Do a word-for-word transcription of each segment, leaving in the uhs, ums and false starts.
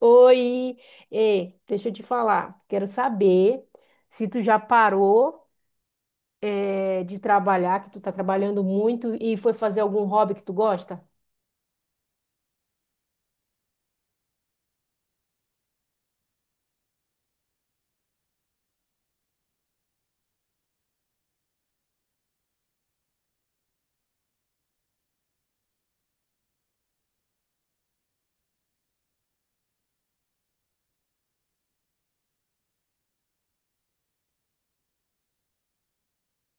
Oi. Ei, deixa eu te falar. Quero saber se tu já parou, eh, de trabalhar, que tu tá trabalhando muito e foi fazer algum hobby que tu gosta?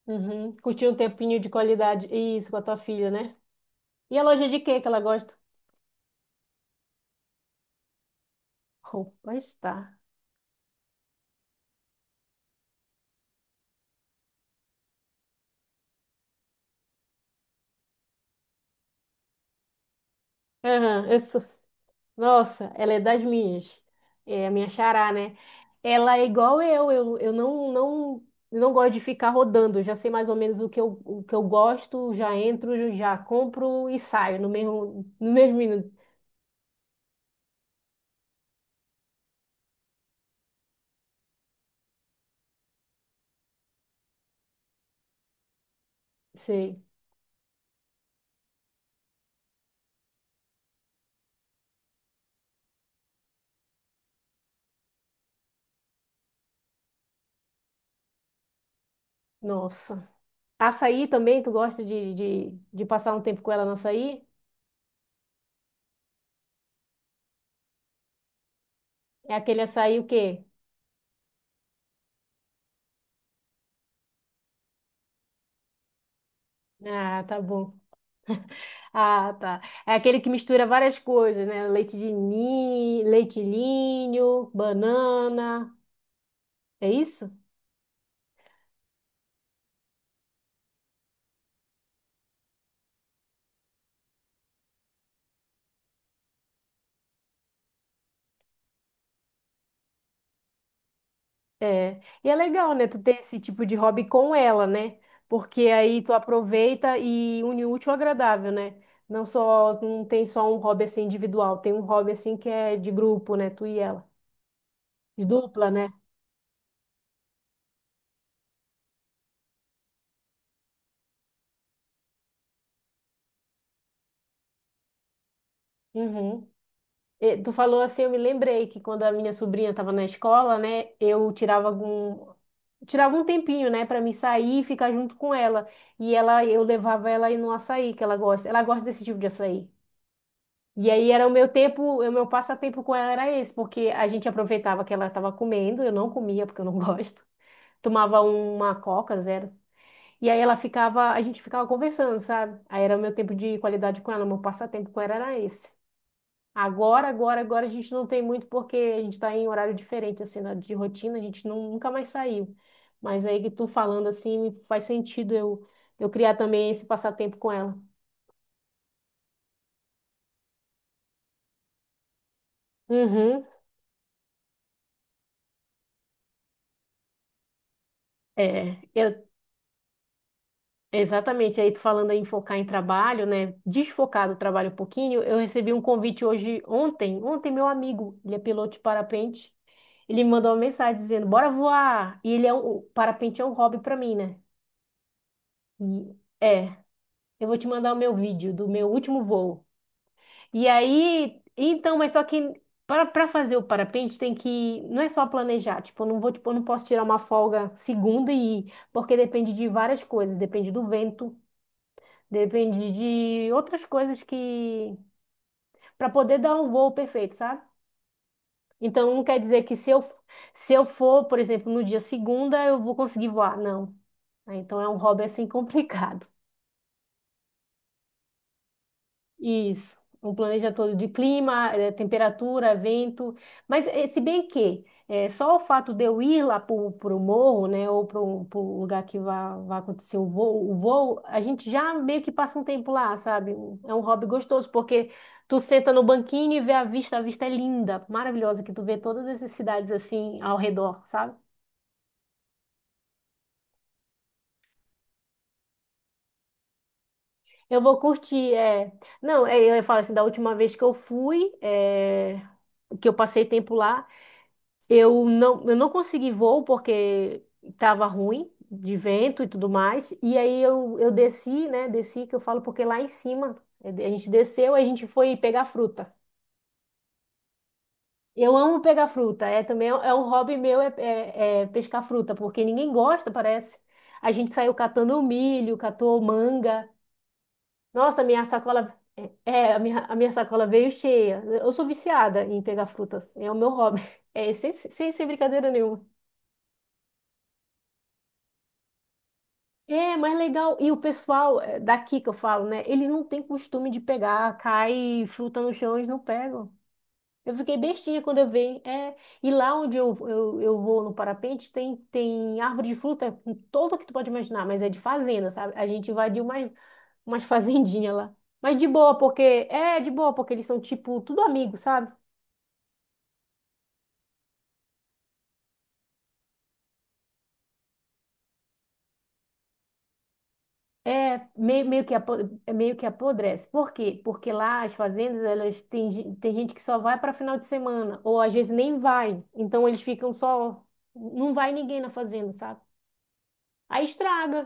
Uhum. Curtir um tempinho de qualidade. Isso, com a tua filha, né? E a loja de quê que ela gosta? Roupa está. Aham, eu sou. Nossa, ela é das minhas. É a minha xará, né? Ela é igual eu, eu, eu não, não, eu não gosto de ficar rodando, eu já sei mais ou menos o que eu, o que eu gosto, já entro, já compro e saio no mesmo, no mesmo minuto. Sei. Nossa. Açaí também, tu gosta de, de, de passar um tempo com ela no açaí? É aquele açaí o quê? Ah, tá bom. Ah, tá. É aquele que mistura várias coisas, né? Leite de ninho, leite ninho, banana. É isso? É. E é legal, né? Tu ter esse tipo de hobby com ela, né? Porque aí tu aproveita e une o útil ao agradável, né? Não só, não tem só um hobby assim individual, tem um hobby assim que é de grupo, né? Tu e ela. De dupla, né? Uhum. E tu falou assim, eu me lembrei que quando a minha sobrinha estava na escola, né? Eu tirava algum. Tirava um tempinho, né, para mim sair e ficar junto com ela. E ela, eu levava ela aí no açaí que ela gosta. Ela gosta desse tipo de açaí. E aí era o meu tempo, o meu passatempo com ela era esse, porque a gente aproveitava que ela estava comendo, eu não comia porque eu não gosto. Tomava uma Coca zero. E aí ela ficava, a gente ficava conversando, sabe? Aí era o meu tempo de qualidade com ela, o meu passatempo com ela era esse. Agora, agora, agora a gente não tem muito porque a gente está em horário diferente, assim, na- de rotina, a gente não, nunca mais saiu. Mas aí que tu falando assim, faz sentido eu, eu criar também esse passatempo com ela. Uhum. É, eu, Exatamente, aí tu falando em focar em trabalho, né? Desfocar do trabalho um pouquinho, eu recebi um convite hoje, ontem, ontem meu amigo, ele é piloto de parapente, ele me mandou uma mensagem dizendo, bora voar, e ele é um, o parapente é um hobby pra mim, né? E, é, eu vou te mandar o meu vídeo do meu último voo. E aí, então, mas só que para para fazer o parapente tem que, não é só planejar, tipo, eu não vou, tipo, eu não posso tirar uma folga segunda e ir, porque depende de várias coisas, depende do vento, depende de outras coisas que para poder dar um voo perfeito, sabe? Então não quer dizer que se eu se eu for, por exemplo, no dia segunda, eu vou conseguir voar, não. Ah, então é um hobby assim complicado. Isso, um planeta todo de clima, eh, temperatura, vento. Mas eh, se bem que eh, só o fato de eu ir lá pro, pro morro, né, ou pro, pro lugar que vai, vai acontecer o voo, o voo, a gente já meio que passa um tempo lá, sabe? É um hobby gostoso, porque tu senta no banquinho e vê a vista, a vista é linda, maravilhosa, que tu vê todas essas cidades assim ao redor, sabe? Eu vou curtir, é... Não, é, eu falo assim, da última vez que eu fui, é, que eu passei tempo lá, Eu não, eu não consegui voo porque estava ruim de vento e tudo mais. E aí eu, eu desci, né? Desci, que eu falo, porque lá em cima eh, a gente desceu, a gente foi pegar fruta. Eu amo pegar fruta. É também é é um hobby meu, é, é- é pescar fruta, porque ninguém gosta, parece. A gente saiu catando milho, catou manga. Nossa, minha sacola. É, é, a minha, a minha sacola veio cheia. Eu sou viciada em pegar frutas. É o meu hobby. É, sem, sem sem brincadeira nenhuma. É, mas é legal. E o pessoal eh, daqui que eu falo, né? Ele não tem costume de pegar, cai fruta no chão, eles não pegam. Eu fiquei bestinha quando eu vi. É, e lá onde eu, eu, eu vou no parapente, tem, tem árvore de fruta com todo que tu pode imaginar, mas é de fazenda, sabe? A gente invadiu umas, umas fazendinhas lá. Mas de boa, porque. É, de boa, porque eles são tipo tudo amigos, sabe? É meio, meio que apo- é meio que apodrece. Por quê? Porque lá as fazendas, elas têm, gen- tem gente que só vai para final de semana, ou às vezes nem vai. Então eles ficam só. Não vai ninguém na fazenda, sabe? Aí estraga.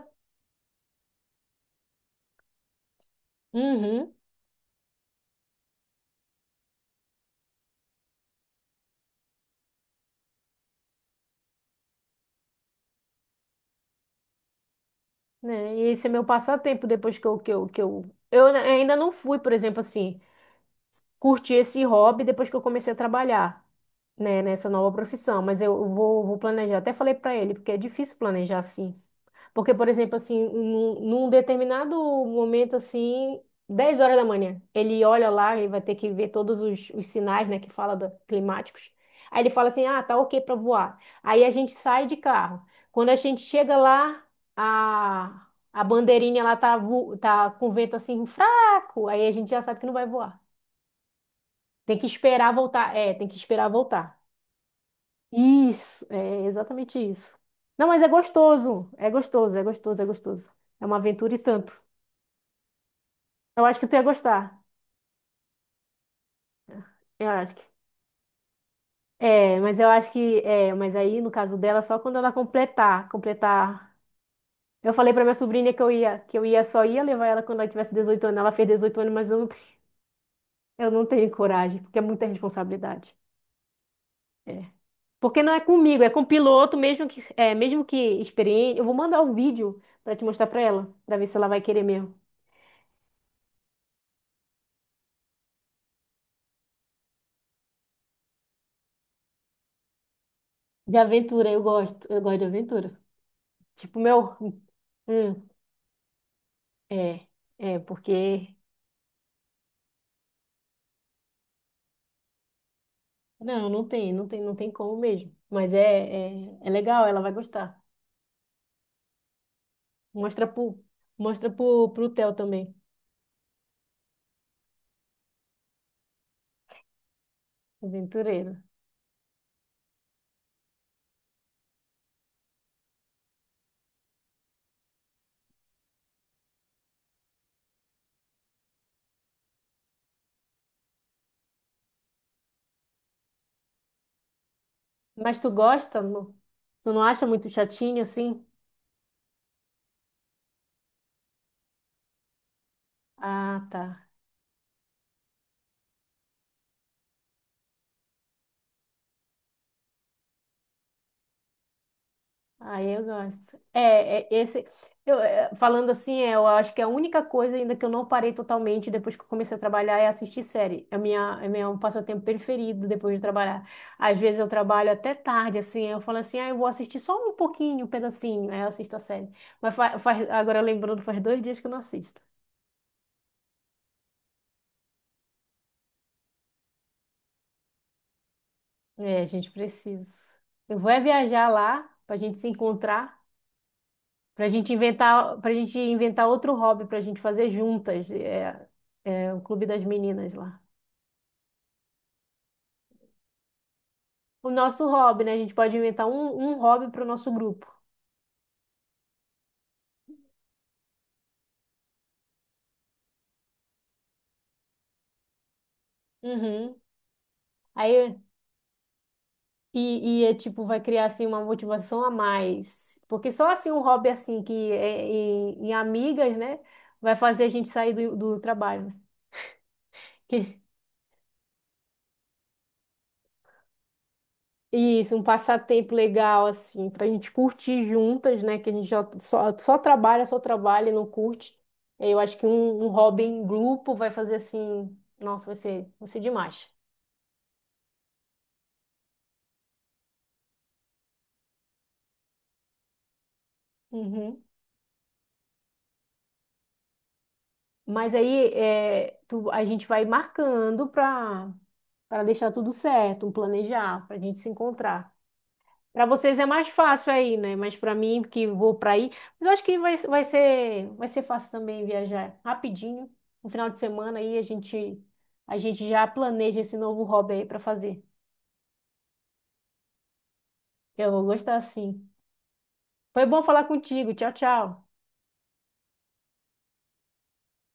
Uhum. Né? E esse é meu passatempo depois que eu, que eu, que eu, eu ainda não fui, por exemplo, assim. Curti esse hobby depois que eu comecei a trabalhar, né, nessa nova profissão. Mas eu vou, vou planejar. Até falei para ele, porque é difícil planejar assim. Porque, por exemplo, assim, num, num determinado momento, assim, dez horas da manhã, ele olha lá, ele vai ter que ver todos os, os sinais, né, que fala da- climáticos. Aí ele fala assim: ah, tá ok para voar. Aí a gente sai de carro. Quando a gente chega lá, a, a bandeirinha lá tá, vo- tá com vento assim fraco, aí a gente já sabe que não vai voar. Tem que esperar voltar. É, tem que esperar voltar. Isso, é exatamente isso. Não, mas é gostoso. É gostoso, é gostoso, é gostoso. É uma aventura e tanto. Eu acho que tu ia gostar. Eu acho que. É, mas eu acho que. É, mas aí, no caso dela, só quando ela completar. Completar. Eu falei pra minha sobrinha que eu ia, que eu ia só ia levar ela quando ela tivesse dezoito anos. Ela fez dezoito anos, mas eu, eu não tenho coragem, porque é muita responsabilidade. É. Porque não é comigo, é com o piloto, mesmo que, é, mesmo que experiente. Eu vou mandar o vídeo pra te mostrar pra ela, pra ver se ela vai querer mesmo. De aventura, eu gosto. Eu gosto de aventura. Tipo, meu. Hum. É, é, porque. Não, não tem, não tem, não tem como mesmo. Mas é, é, é legal, ela vai gostar. Mostra pro, mostra pro, pro Theo também, aventureiro. Mas tu gosta, amor? Tu não acha muito chatinho assim? Ah, tá. Aí eu gosto. É, é, esse, eu, é, falando assim, é, eu acho que a única coisa ainda que eu não parei totalmente depois que eu comecei a trabalhar é assistir série. É minha, é meu passatempo preferido depois de trabalhar. Às vezes eu trabalho até tarde, assim, eu falo assim, ah, eu vou assistir só um pouquinho, um pedacinho, aí eu assisto a série. Mas fa- faz, agora lembrando, faz dois dias que eu não assisto. É, a gente precisa. Eu vou é viajar lá pra gente se encontrar. Pra gente inventar, pra gente inventar outro hobby pra gente fazer juntas. É, é o Clube das Meninas lá. O nosso hobby, né? A gente pode inventar um, um hobby pro nosso grupo. Uhum. Aí, e, e é tipo, vai criar assim uma motivação a mais. Porque só assim um hobby assim que é é, em, em amigas, né? Vai fazer a gente sair do, do trabalho. Isso, um passatempo legal, assim, pra gente curtir juntas, né? Que a gente já só, só trabalha, só trabalha e não curte. Eu acho que um, um hobby em grupo vai fazer assim, nossa, vai ser, vai ser demais. Uhum. Mas aí é, tu- a gente vai marcando pra para deixar tudo certo, um planejar, pra gente se encontrar. Para vocês é mais fácil aí, né? Mas para mim, que vou para aí, mas eu acho que vai, vai ser, vai ser fácil também viajar rapidinho. No final de semana aí a gente, a gente já planeja esse novo hobby aí para fazer. Eu vou gostar sim. Foi bom falar contigo. Tchau, tchau.